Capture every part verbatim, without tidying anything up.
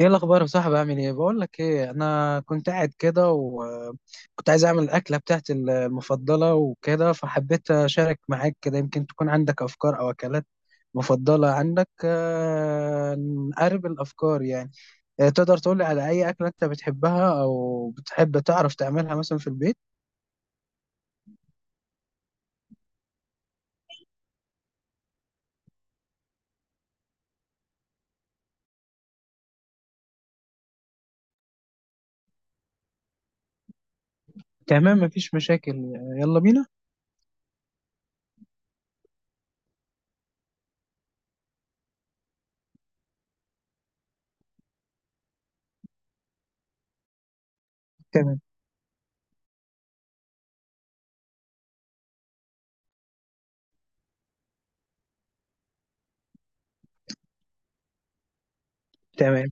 ايه الاخبار يا صاحبي، عامل ايه؟ بقول لك ايه، انا كنت قاعد كده وكنت عايز اعمل الاكله بتاعتي المفضله وكده، فحبيت اشارك معاك كده يمكن تكون عندك افكار او اكلات مفضله عندك. آه، نقرب الافكار يعني. آه، تقدر تقول لي على اي اكله انت بتحبها او بتحب تعرف تعملها مثلا في البيت؟ تمام، مفيش مشاكل. يلا بينا. تمام. تمام.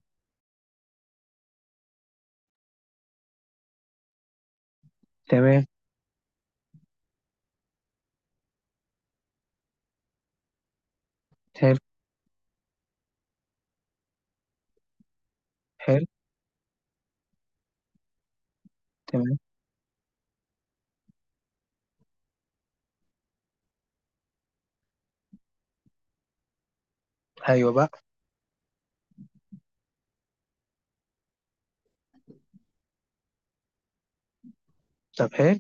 تمام. حلو. حلو. تمام. ايوه بقى. طب حلو.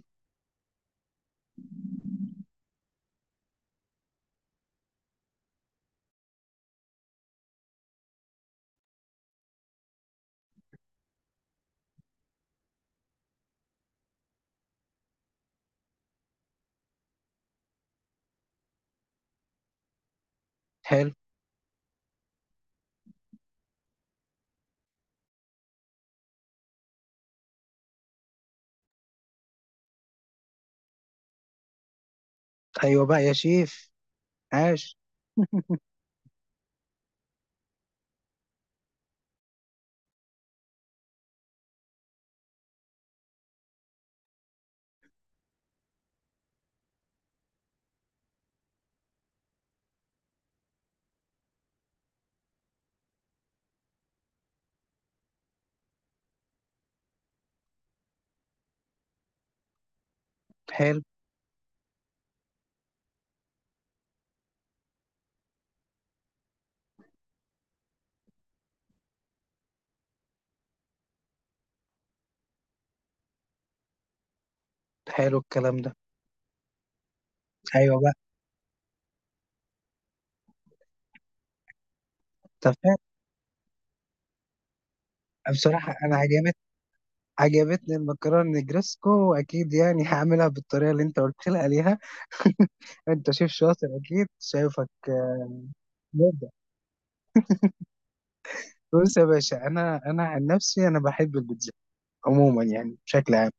حلو. ايوه بقى يا شيف. عاش. حلو. حلو الكلام ده. ايوه بقى. طب فعلا- بصراحه انا عجبت عجبتني المكرونه نجرسكو، واكيد يعني هعملها بالطريقه اللي انت قلت لي عليها. انت شيف شاطر اكيد، شايفك آه، مبدع. بص يا باشا، انا انا عن نفسي انا بحب البيتزا عموما يعني بشكل عام،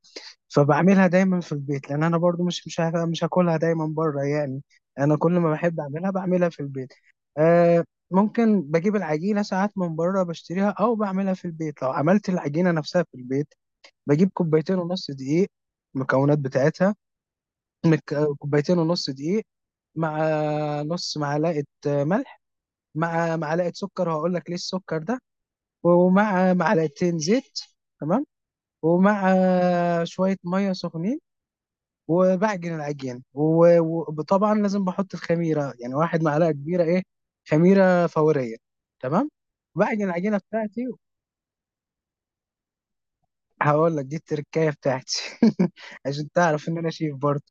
فبعملها دايما في البيت لان انا برضو مش مش ه- مش هاكلها دايما بره يعني. انا كل ما بحب اعملها بعملها في البيت. آه. ممكن بجيب العجينه ساعات من بره بشتريها او بعملها في البيت. لو عملت العجينه نفسها في البيت بجيب كوبايتين ونص دقيق، المكونات بتاعتها. مك- كوبايتين ونص دقيق، مع نص معلقة ملح، مع معلقة سكر، وهقول لك ليه السكر ده، ومع معلقتين زيت. تمام. ومع شوية مية سخنين، وبعجن العجين و- وطبعا لازم بحط الخميره، يعني واحد معلقه كبيره ايه، خميره فوريه. تمام. بعجن العجينه بتاعتي، هقول لك دي التركايه بتاعتي عشان تعرف ان انا شيف برضه.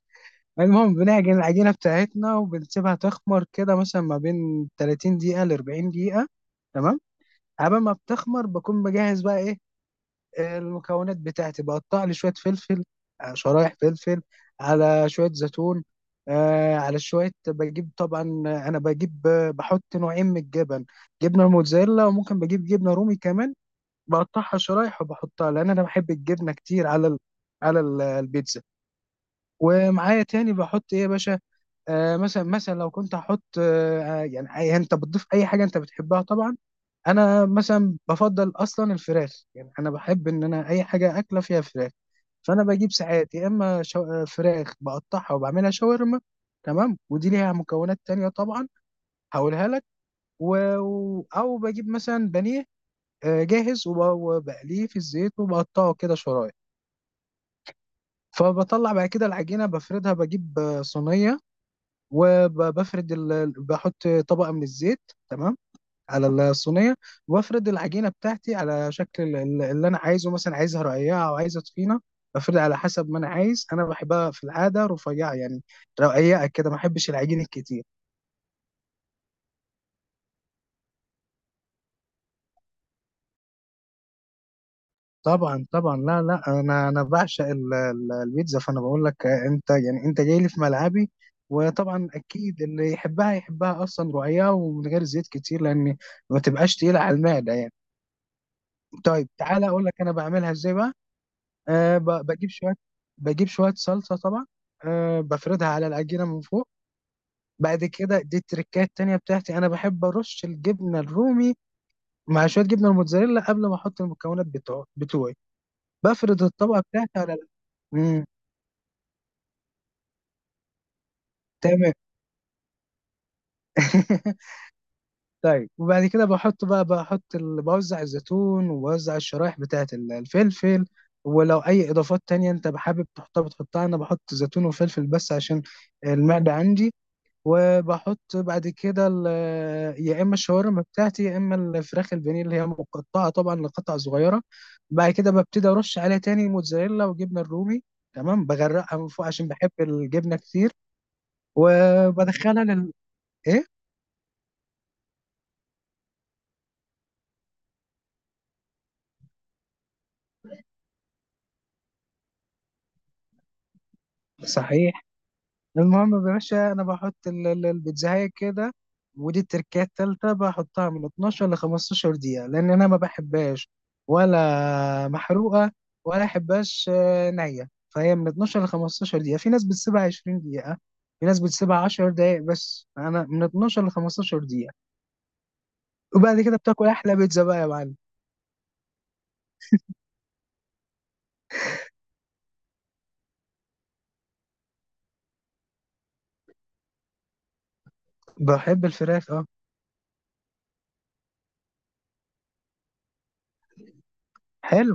المهم بنعجن العجينه بتاعتنا وبنسيبها تخمر كده مثلا ما بين تلاتين دقيقه ل اربعين دقيقه. تمام. قبل ما بتخمر بكون بجهز بقى ايه المكونات بتاعتي. بقطع لي شويه فلفل، آه، شرايح فلفل، على شويه زيتون، آه، على شويه بجيب طبعا، انا بجيب آه، بحط نوعين من الجبن، جبنه موتزاريلا وممكن بجيب جبنه رومي كمان. بقطعها شرايح وبحطها لان انا بحب الجبنه كتير على ال- على ال- البيتزا. ومعايا تاني بحط ايه يا باشا، آه مثلا مثلا لو كنت هحط آه آه، يعني أي- انت بتضيف اي حاجه انت بتحبها طبعا. انا مثلا بفضل اصلا الفراخ، يعني انا بحب ان انا اي حاجه اكله فيها فراخ. فانا بجيب ساعات يا اما شو... آه، فراخ بقطعها وبعملها شاورما. تمام، ودي ليها مكونات تانية طبعا، هقولها لك. و... و- او بجيب مثلا بانيه آه، جاهز، وب- وبقليه في الزيت وبقطعه كده شرايح. فبطلع بعد كده العجينه بفردها، بجيب آه، صينيه، وبفرد ال... بحط طبقة من الزيت. تمام، على الصينية. وبفرد العجينة بتاعتي على شكل ال- ال- اللي أنا عايزه، مثلا عايزها رقيقة أو عايزها تخينة، بفرد على حسب ما أنا عايز. أنا بحبها في العادة رفيعة يعني، رقيقة كده، ما بحبش العجين الكتير. طبعا طبعا، لا لا، أنا أنا بعشق ال- ال- البيتزا، فأنا بقول لك آه، أنت يعني أنت جاي لي في ملعبي. وطبعا اكيد اللي يحبها يحبها اصلا رقيقه ومن غير زيت كتير، لان ما تبقاش تقيله على المعده يعني. طيب تعالى اقول لك انا بعملها ازاي بقى. أه ب- بجيب شويه، بجيب شويه صلصه طبعا، أه بفردها على العجينه من فوق. بعد كده دي التركات التانية بتاعتي: انا بحب ارش الجبنه الرومي مع شويه جبنه الموتزاريلا قبل ما احط المكونات بتوع بتوعي. بفرد الطبقه بتاعتي على ال- مم. تمام. طيب، وبعد كده بحط بقى بحط ال... بوزع الزيتون وبوزع الشرايح بتاعة ال- الفلفل. ولو أي إضافات تانية أنت حابب تحطها بتحطها. أنا بحط زيتون وفلفل بس عشان المعدة عندي. وبحط بعد كده ال... يا إما الشاورما بتاعتي يا إما الفراخ البانيه اللي هي مقطعة طبعا لقطع صغيرة. بعد كده ببتدي أرش عليها تاني موتزاريلا وجبنة الرومي. تمام، بغرقها من فوق عشان بحب الجبنة كتير. وبدخلها لل إيه؟ صحيح. المهم يا باشا، انا بحط ال- ال- البيتزاية كده. ودي التركية التالتة: بحطها من اتناشر ل خمسة عشر دقيقة، لأن أنا ما بحبهاش ولا محروقة ولا أحبهاش آه، نية. فهي من اثنا عشر ل خمستاشر دقيقة، في ناس بتسيبها عشرين دقيقة، في ناس بتسيبها عشر دقايق، بس أنا من اتناشر ل خمسة عشر دقيقة. وبعد كده بتاكل أحلى بيتزا بقى يا معلم. بحب الفراخ أه. حلو.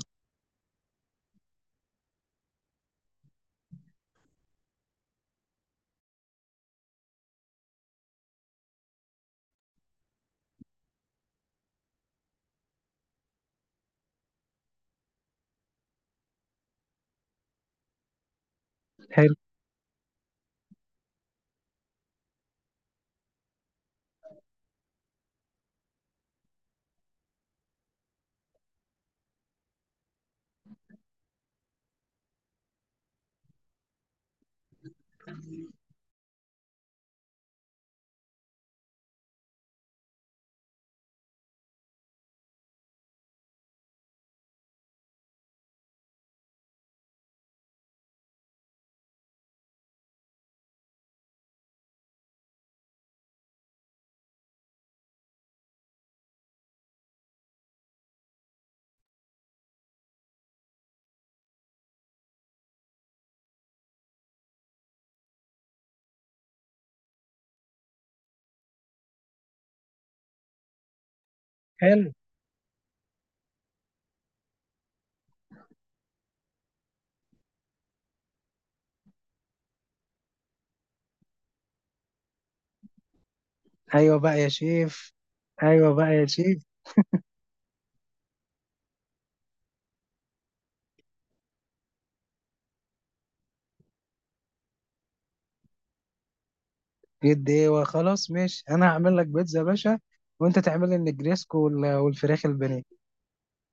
حلو. حلو. أيوه بقى يا شيف. أيوه بقى يا شيف. جد ايه؟ وخلاص ماشي، انا هعمل لك بيتزا يا باشا، وانت تعمل لي النجريسكو وال- والفراخ البانيه.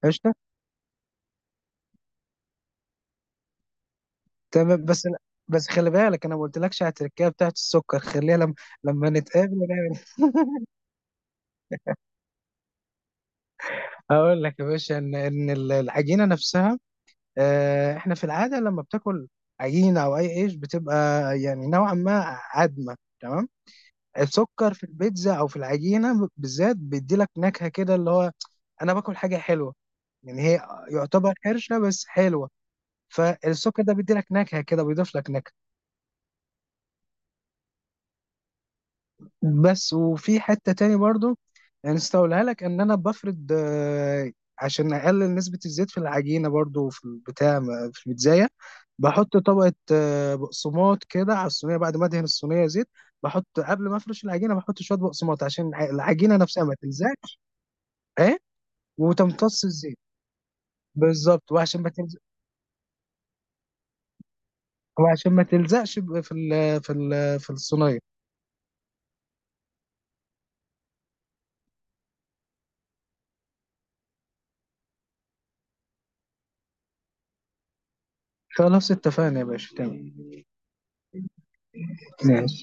قشطه. تمام. بس بس خلي بالك، انا ما قلتلكش على التركية بتاعت السكر، خليها لما لما نتقابل نعمل. هقول لك يا باشا ان ان ال- العجينه نفسها، آه، احنا في العاده لما بتاكل عجينه او اي عيش بتبقى يعني نوعا ما عدمه. تمام. السكر في البيتزا او في العجينه بالذات بيدي لك نكهه كده، اللي هو انا باكل حاجه حلوه يعني، هي يعتبر حرشه بس حلوه. فالسكر ده بيدي لك نكهه كده، بيضيف لك نكهه بس. وفي حته تاني برضو نسيت اقولها لك، ان انا بفرد آه، عشان اقلل نسبه الزيت في العجينه برضو في البتاع في البيتزايه، بحط طبقه آه، بقسماط كده على الصينيه بعد ما ادهن الصينيه زيت. بحط قبل ما افرش العجينه بحط شويه بقسماط عشان الع- العجينه نفسها ما تلزقش. ايه؟ وتمتص الزيت، بالظبط، وعشان ما تلزق، وعشان ما تلزقش ب- في ال في ال في الصينيه. خلاص اتفقنا يا باشا، تمام. ماشي.